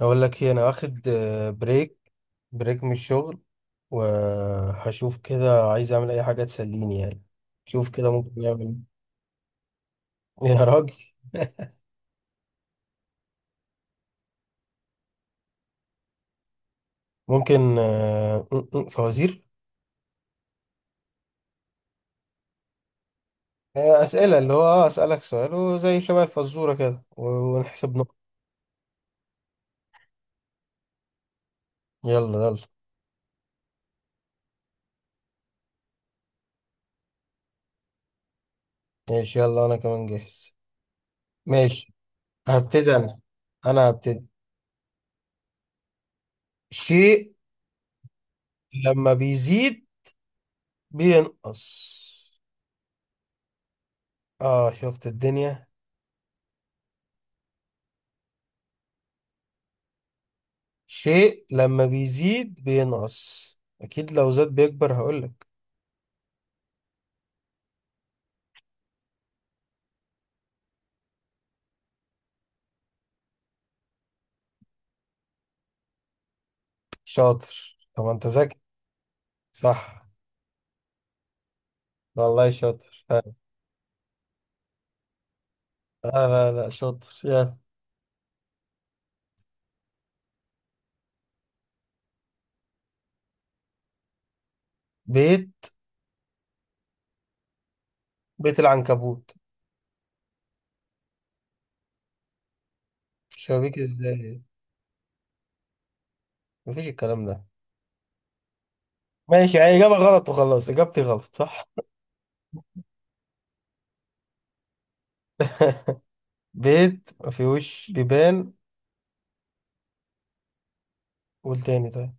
اقول لك ايه، انا واخد بريك من الشغل. وهشوف كده، عايز اعمل اي حاجه تسليني يعني. شوف كده ممكن نعمل. إيه. يا راجل. ممكن فوازير. اسئله، اللي هو اسالك سؤال وزي شبه الفزوره كده ونحسب نقط. يلا يلا. ماشي يلا انا كمان جاهز. ماشي. هبتدي انا هبتدي. شيء لما بيزيد بينقص. اه شفت الدنيا. شيء لما بيزيد بينقص، اكيد لو زاد بيكبر هقولك. شاطر، طب ما انت ذكي. صح. والله شاطر، لا لا لا شاطر يا. بيت بيت العنكبوت. شبابيك ازاي؟ مفيش الكلام ده. ماشي، يعني اجابة غلط وخلاص، اجابتي غلط صح. بيت مفيهوش بيبان. قول تاني طيب.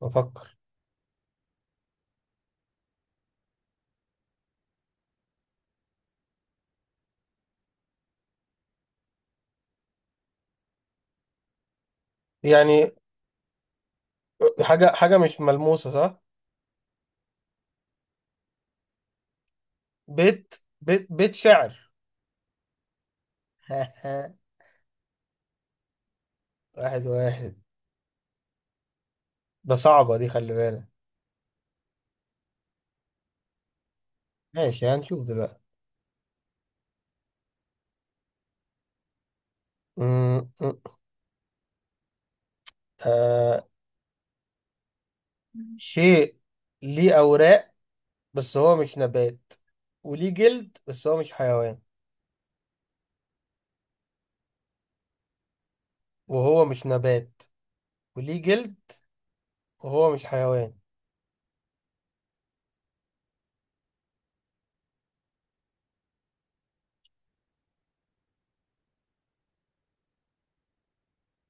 بفكر. يعني حاجة، حاجة مش ملموسة صح. بيت بيت شعر. واحد واحد. ده صعبة دي، خلي بالك. ماشي هنشوف دلوقتي. م- م- آه شيء ليه أوراق، بس هو مش نبات، وليه جلد بس هو مش حيوان. وهو مش نبات، وليه جلد، وهو مش حيوان.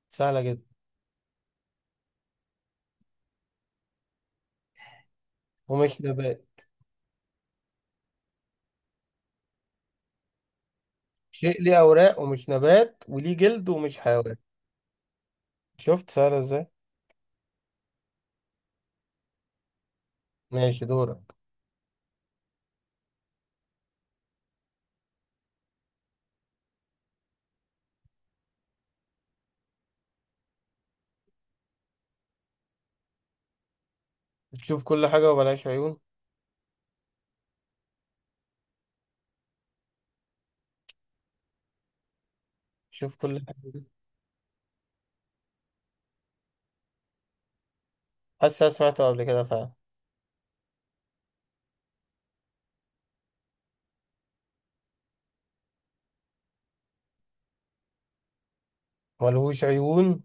سهلة جدا. ومش نبات. شيء ليه أوراق، ومش نبات، وليه جلد، ومش حيوان. شفت سهلة ازاي؟ ماشي دورك. بتشوف كل حاجة وبلاش عيون. شوف كل حاجة. حاسس أنا سمعته قبل كده فعلا. ملهوش عيون.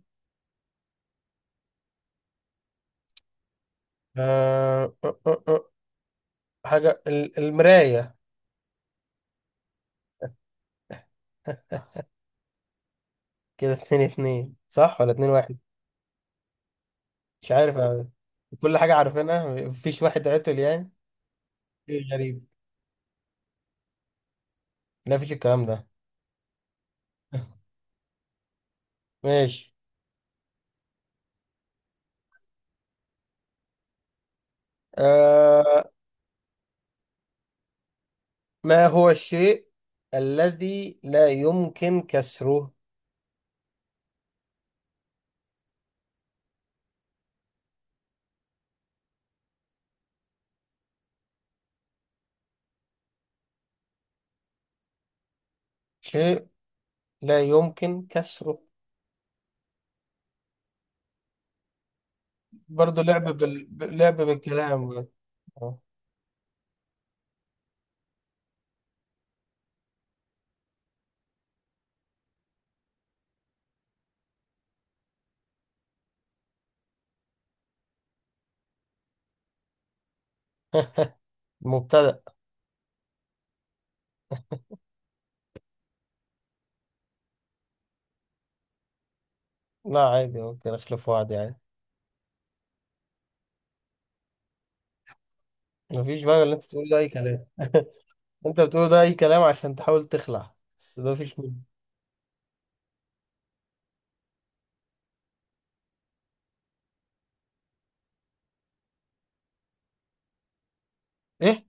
آه... آه، آه، آه. حاجة، المراية. كده اتنين اتنين، صح ولا اتنين واحد؟ مش عارف أنا. كل حاجة عارفينها، مفيش واحد عطل يعني. إيه غريب. لا مفيش الكلام ده. ماشي. آه ما هو الشيء الذي لا يمكن كسره. شيء لا يمكن كسره. برضه لعب لعب بالكلام. آه. مبتدأ. لا عادي، ممكن اخلف واحد يعني. مفيش بقى، اللي انت تقول ده اي كلام. انت بتقول ده اي كلام عشان تحاول تخلع، بس ده مفيش منه. ايه،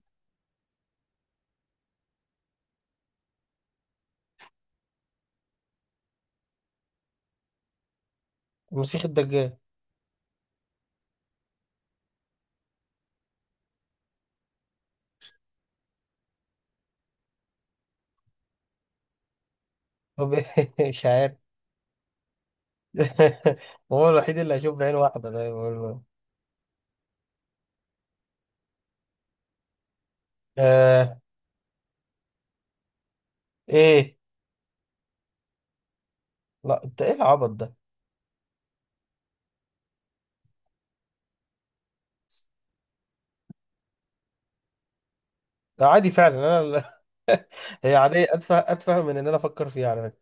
المسيح الدجال. طب. مش عارف. هو الوحيد اللي هشوف بعين واحدة ده، بقول له. آه ايه. لا انت ايه العبط ده. ده عادي فعلا، انا هي عادية، اتفه اتفه من ان انا افكر فيها على فكرة.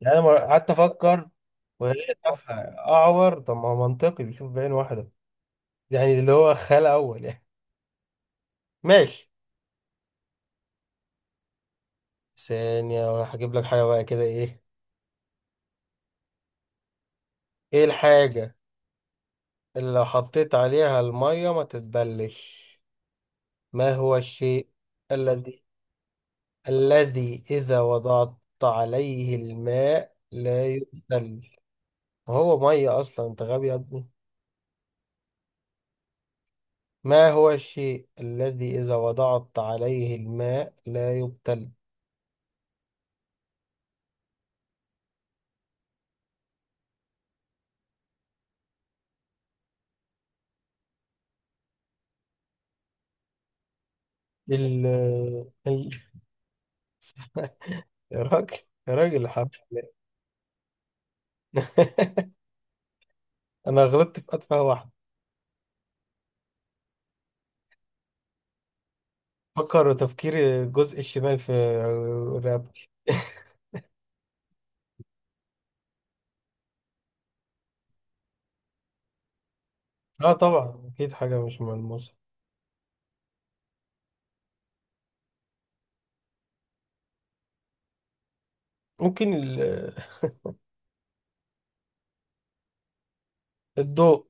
يعني انا قعدت افكر. وهي تافهة. اعور، طب ما هو منطقي بيشوف بعين واحدة. يعني اللي هو خال اول يعني. ماشي. ثانية، هجيب لك حاجة بقى كده. ايه ايه الحاجة اللي لو حطيت عليها المية ما تتبلش؟ ما هو الشيء الذي الذي إذا وضعت عليه الماء لا يبخل. هو مية أصلا، أنت غبي يا ابني. ما هو الشيء الذي إذا وضعت عليه الماء لا يبتل. ال ال يا راجل، يا راجل حرام عليك. أنا غلطت في أتفه واحد. فكر تفكير الجزء الشمال في رقبتي. اه طبعا أكيد حاجة مش ملموسة. ممكن الضوء.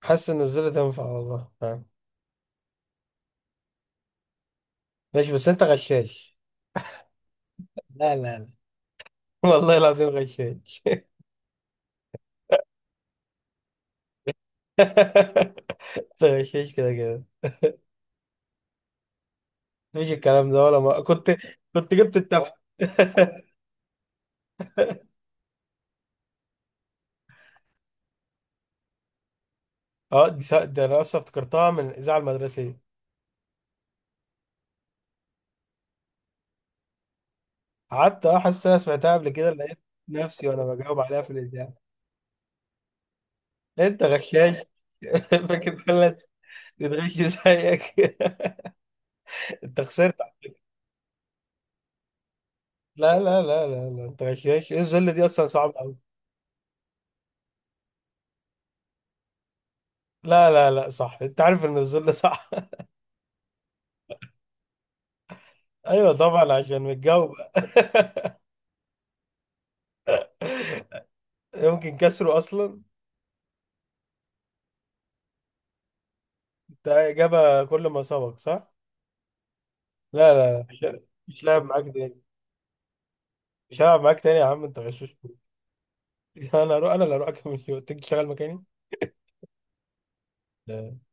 حاسس إن الزر تنفع والله ماشي بس أنت غشاش. لا لا لا، والله العظيم غشاش. انت غشاش كده كده. مفيش الكلام ده، ولا ما كنت جبت التفه. اه دي ده انا اصلا افتكرتها من الاذاعه المدرسيه. قعدت حاسس إن انا سمعتها قبل كده. لقيت نفسي وانا بجاوب عليها في الاذاعه، لقيت انت غشاش. فاكر كل الناس بتغش زيك. انت خسرت. لا لا لا لا لا انت غشاش، ايه الذله دي اصلا صعبه قوي. لا لا لا صح، انت عارف ان الذله صح. ايوه طبعا عشان متجاوب. يمكن كسره اصلا. ده اجابه كل ما سبق صح. لا لا لا، مش لاعب معاك تاني. مش هلعب معاك تاني يا عم، انت غشاش. انا اللي هروح اكمل. يوم تيجي تشتغل مكاني. لا.